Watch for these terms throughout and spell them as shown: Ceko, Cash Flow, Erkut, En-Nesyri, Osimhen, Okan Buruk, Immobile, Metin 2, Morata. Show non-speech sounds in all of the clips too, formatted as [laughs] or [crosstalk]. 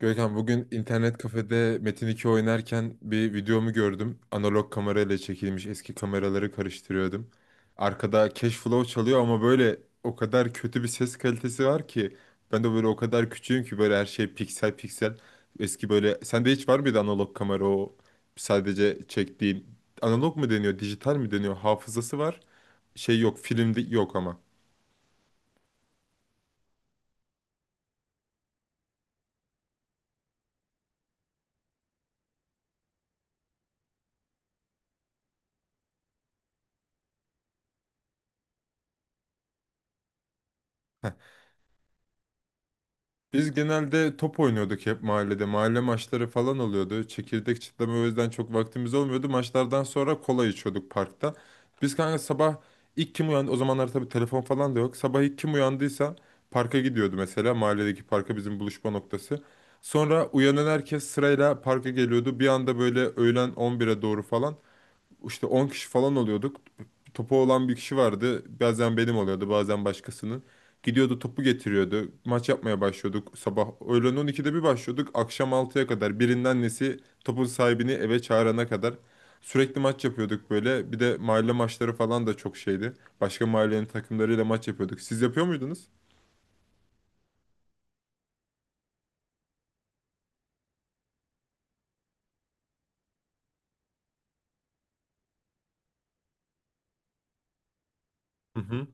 Görkem bugün internet kafede Metin 2 oynarken bir videomu gördüm. Analog kamerayla çekilmiş eski kameraları karıştırıyordum. Arkada Cash Flow çalıyor ama böyle o kadar kötü bir ses kalitesi var ki. Ben de böyle o kadar küçüğüm ki böyle her şey piksel piksel. Eski böyle sende hiç var mıydı analog kamera o sadece çektiğin analog mu deniyor dijital mi deniyor hafızası var. Şey yok filmde yok ama. Biz genelde top oynuyorduk hep mahallede. Mahalle maçları falan oluyordu. Çekirdek çitleme o yüzden çok vaktimiz olmuyordu. Maçlardan sonra kola içiyorduk parkta. Biz kanka sabah ilk kim uyandı? O zamanlar tabii telefon falan da yok. Sabah ilk kim uyandıysa parka gidiyordu mesela. Mahalledeki parka bizim buluşma noktası. Sonra uyanan herkes sırayla parka geliyordu. Bir anda böyle öğlen 11'e doğru falan işte 10 kişi falan oluyorduk, topu olan bir kişi vardı. Bazen benim oluyordu, bazen başkasının. Gidiyordu topu getiriyordu. Maç yapmaya başlıyorduk sabah. Öğlen 12'de bir başlıyorduk. Akşam 6'ya kadar, birinin annesi topun sahibini eve çağırana kadar sürekli maç yapıyorduk böyle. Bir de mahalle maçları falan da çok şeydi. Başka mahallenin takımlarıyla maç yapıyorduk. Siz yapıyor muydunuz? Hı hı.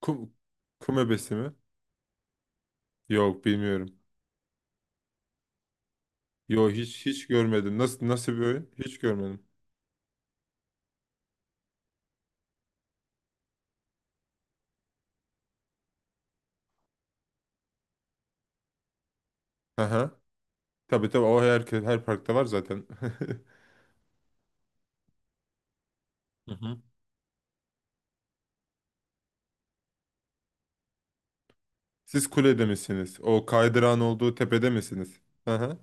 Kum, kum ebesi mi? Yok, bilmiyorum. Yok, hiç görmedim. Nasıl bir oyun? Hiç görmedim. Aha. Tabii, tabii, o her parkta var zaten. [laughs] Hı hı. Siz kulede misiniz? O kaydırağın olduğu tepede misiniz? Hı hı.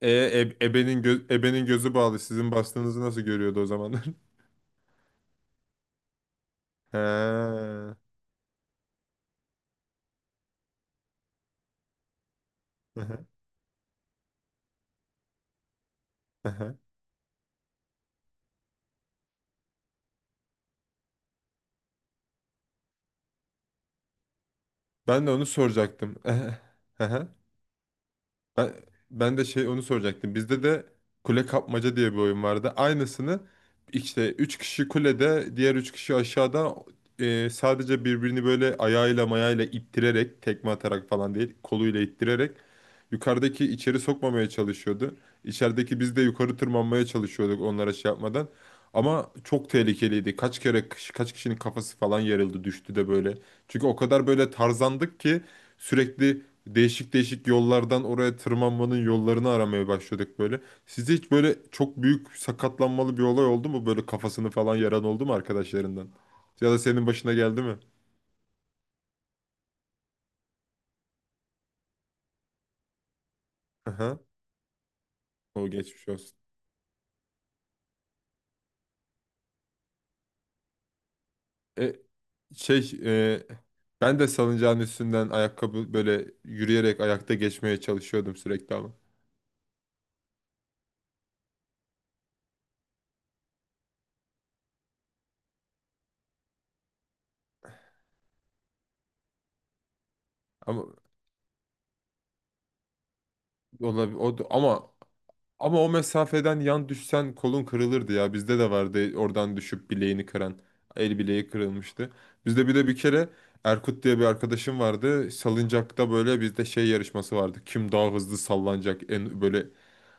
Ebenin gözü bağlı. Sizin bastığınızı nasıl görüyordu o zamanlar? [laughs] He. Hı hı. Hı hı. Ben de onu soracaktım. [laughs] Hı hı. Ben, ben de şey onu soracaktım. Bizde de kule kapmaca diye bir oyun vardı. Aynısını işte 3 kişi kulede, diğer 3 kişi aşağıda, sadece birbirini böyle ayağıyla mayayla ittirerek, tekme atarak falan değil, koluyla ittirerek. Yukarıdaki içeri sokmamaya çalışıyordu. İçerideki biz de yukarı tırmanmaya çalışıyorduk onlara şey yapmadan. Ama çok tehlikeliydi. Kaç kere kaç kişinin kafası falan yarıldı, düştü de böyle. Çünkü o kadar böyle tarzandık ki sürekli değişik değişik yollardan oraya tırmanmanın yollarını aramaya başladık böyle. Sizde hiç böyle çok büyük sakatlanmalı bir olay oldu mu? Böyle kafasını falan yaran oldu mu arkadaşlarından? Ya da senin başına geldi mi? Aha. O geçmiş olsun. E, şey e, Ben de salıncağın üstünden ayakkabı böyle yürüyerek ayakta geçmeye çalışıyordum sürekli ama. Ama olabilir ama o mesafeden yan düşsen kolun kırılırdı ya. Bizde de vardı oradan düşüp bileğini kıran. El bileği kırılmıştı. Bizde bir de bir kere Erkut diye bir arkadaşım vardı. Salıncakta böyle bizde şey yarışması vardı. Kim daha hızlı sallanacak, en böyle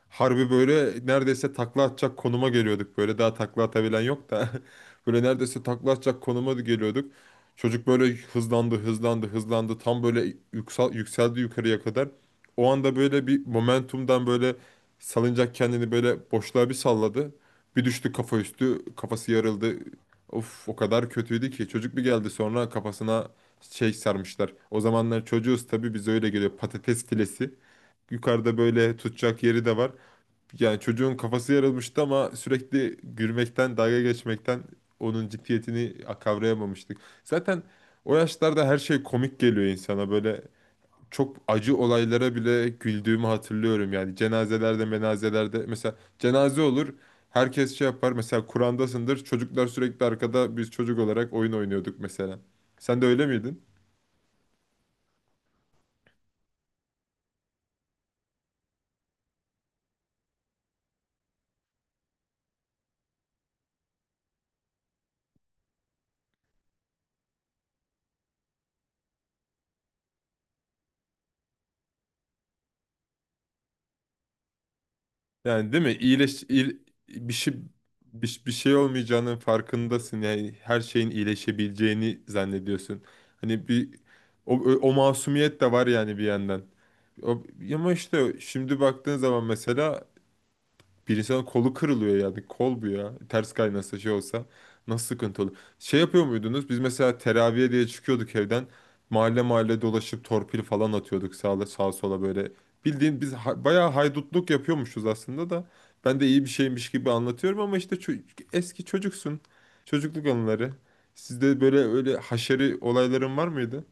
harbi böyle neredeyse takla atacak konuma geliyorduk. Böyle daha takla atabilen yok da. [laughs] Böyle neredeyse takla atacak konuma da geliyorduk. Çocuk böyle hızlandı, hızlandı, hızlandı. Tam böyle yükseldi yukarıya kadar. O anda böyle bir momentumdan böyle salıncak kendini böyle boşluğa bir salladı. Bir düştü kafa üstü, kafası yarıldı. Of, o kadar kötüydü ki. Çocuk bir geldi sonra kafasına şey sarmışlar. O zamanlar çocuğuz tabii, biz öyle geliyor patates filesi. Yukarıda böyle tutacak yeri de var. Yani çocuğun kafası yarılmıştı ama sürekli gülmekten, dalga geçmekten onun ciddiyetini kavrayamamıştık. Zaten o yaşlarda her şey komik geliyor insana. Böyle çok acı olaylara bile güldüğümü hatırlıyorum. Yani cenazelerde, menazelerde, mesela cenaze olur. Herkes şey yapar. Mesela Kur'an'dasındır. Çocuklar sürekli arkada, biz çocuk olarak oyun oynuyorduk mesela. Sen de öyle miydin? Yani, değil mi? Bir şey bir şey olmayacağının farkındasın. Yani her şeyin iyileşebileceğini zannediyorsun. Hani bir o, o masumiyet de var yani bir yandan. O, Ama işte şimdi baktığın zaman mesela bir insanın kolu kırılıyor yani. Kol bu ya. Ters kaynasa, şey olsa nasıl sıkıntı olur. Şey yapıyor muydunuz? Biz mesela teraviye diye çıkıyorduk evden. Mahalle mahalle dolaşıp torpil falan atıyorduk sağa sola böyle. Bildiğin biz bayağı haydutluk yapıyormuşuz aslında da. Ben de iyi bir şeymiş gibi anlatıyorum ama işte eski çocuksun. Çocukluk anıları. Sizde böyle öyle haşeri olayların var mıydı?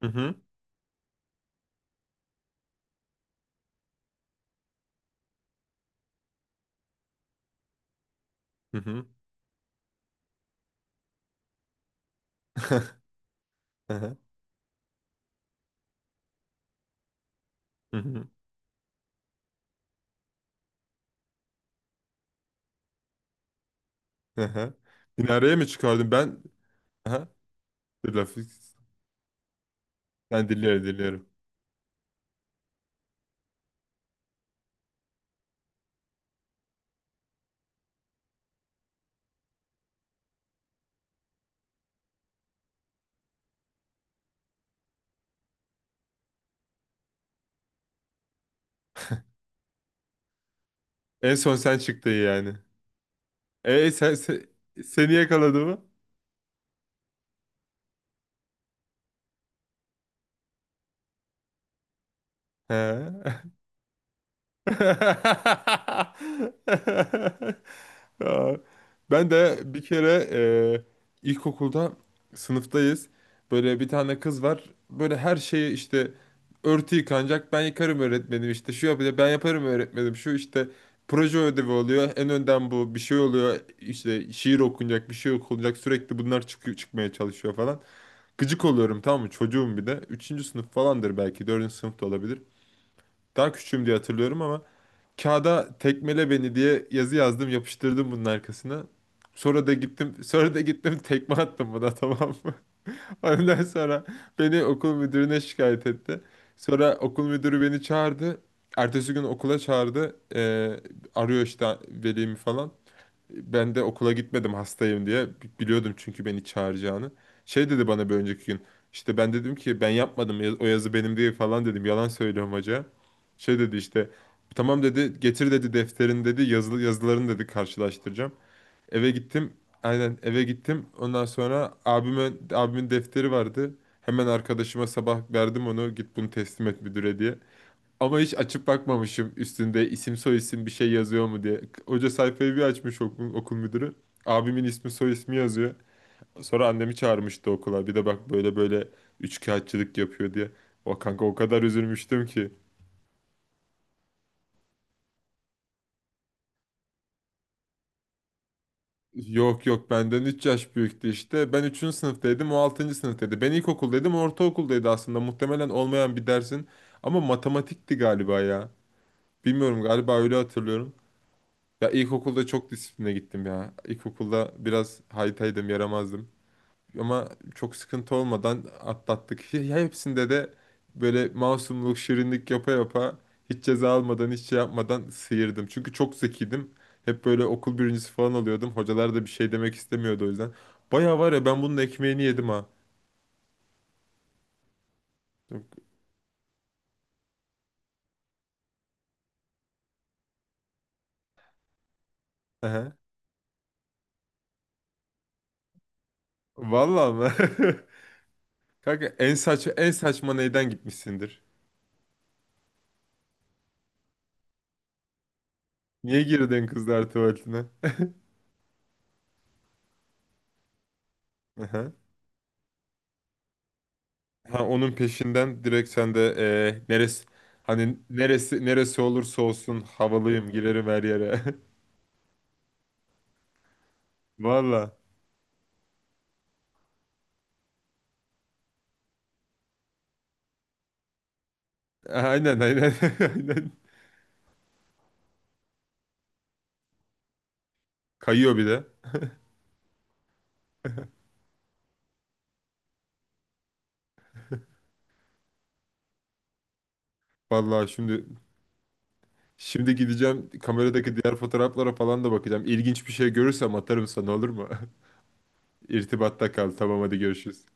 Hı hı. Hı hı. [laughs] Hı hı. Hı hı. Hı hı. Minareye mi çıkardın? Ben... Aha. Bir laf. Ben dinliyorum, dinliyorum. En son sen çıktın yani. E sen, se- Seni yakaladı mı? He. [laughs] Ya, ben de bir kere, ilkokulda sınıftayız. Böyle bir tane kız var. Böyle her şeyi işte, örtü yıkanacak, ben yıkarım öğretmenim işte. Şu yapacak, ben yaparım öğretmenim. Şu işte proje ödevi oluyor. En önden bu bir şey oluyor. İşte şiir okunacak, bir şey okunacak. Sürekli bunlar çıkıyor, çıkmaya çalışıyor falan. Gıcık oluyorum, tamam mı? Çocuğum bir de. Üçüncü sınıf falandır belki. Dördüncü sınıfta olabilir. Daha küçüğüm diye hatırlıyorum ama kağıda "tekmele beni" diye yazı yazdım, yapıştırdım bunun arkasına. Sonra da gittim, [laughs] sonra da gittim tekme attım buna, tamam mı? [laughs] Ondan sonra beni okul müdürüne şikayet etti. Sonra okul müdürü beni çağırdı. Ertesi gün okula çağırdı. Arıyor işte velimi falan. Ben de okula gitmedim, hastayım diye. Biliyordum çünkü beni çağıracağını. Şey dedi bana bir önceki gün. İşte ben dedim ki, ben yapmadım, o yazı benim değil falan dedim. Yalan söylüyorum hoca. Şey dedi işte, tamam dedi, getir dedi defterin dedi, yazıların dedi, karşılaştıracağım. Eve gittim. Aynen, eve gittim. Ondan sonra abimin defteri vardı. Hemen arkadaşıma sabah verdim onu, git bunu teslim et müdüre diye. Ama hiç açıp bakmamışım üstünde isim soy isim bir şey yazıyor mu diye. Hoca sayfayı bir açmış, okul müdürü. Abimin ismi soy ismi yazıyor. Sonra annemi çağırmıştı okula, bir de bak böyle böyle üçkağıtçılık yapıyor diye. O, kanka, o kadar üzülmüştüm ki. Yok, yok, benden 3 yaş büyüktü işte. Ben üçüncü sınıftaydım, o altıncı sınıftaydı. Ben ilkokuldaydım, o ortaokuldaydı aslında. Muhtemelen olmayan bir dersin. Ama matematikti galiba ya. Bilmiyorum, galiba öyle hatırlıyorum. Ya, ilkokulda çok disipline gittim ya. İlkokulda biraz haytaydım, yaramazdım. Ama çok sıkıntı olmadan atlattık. Ya hepsinde de böyle masumluk, şirinlik yapa yapa hiç ceza almadan, hiç şey yapmadan sıyırdım. Çünkü çok zekiydim. Hep böyle okul birincisi falan oluyordum. Hocalar da bir şey demek istemiyordu o yüzden. Baya var ya, ben bunun ekmeğini yedim ha. Çok- Aha. Vallahi mı? [laughs] Kanka en saç en saçma neyden gitmişsindir? Niye girdin kızlar tuvaletine? Aha. Ha, onun peşinden direkt sen de, neresi hani, neresi neresi olursa olsun havalıyım, girerim her yere. [laughs] Valla. Aynen, aynen, [laughs] aynen. Kayıyor bir de. Valla, şimdi gideceğim, kameradaki diğer fotoğraflara falan da bakacağım. İlginç bir şey görürsem atarım sana, olur mu? [laughs] İrtibatta kal. Tamam, hadi görüşürüz.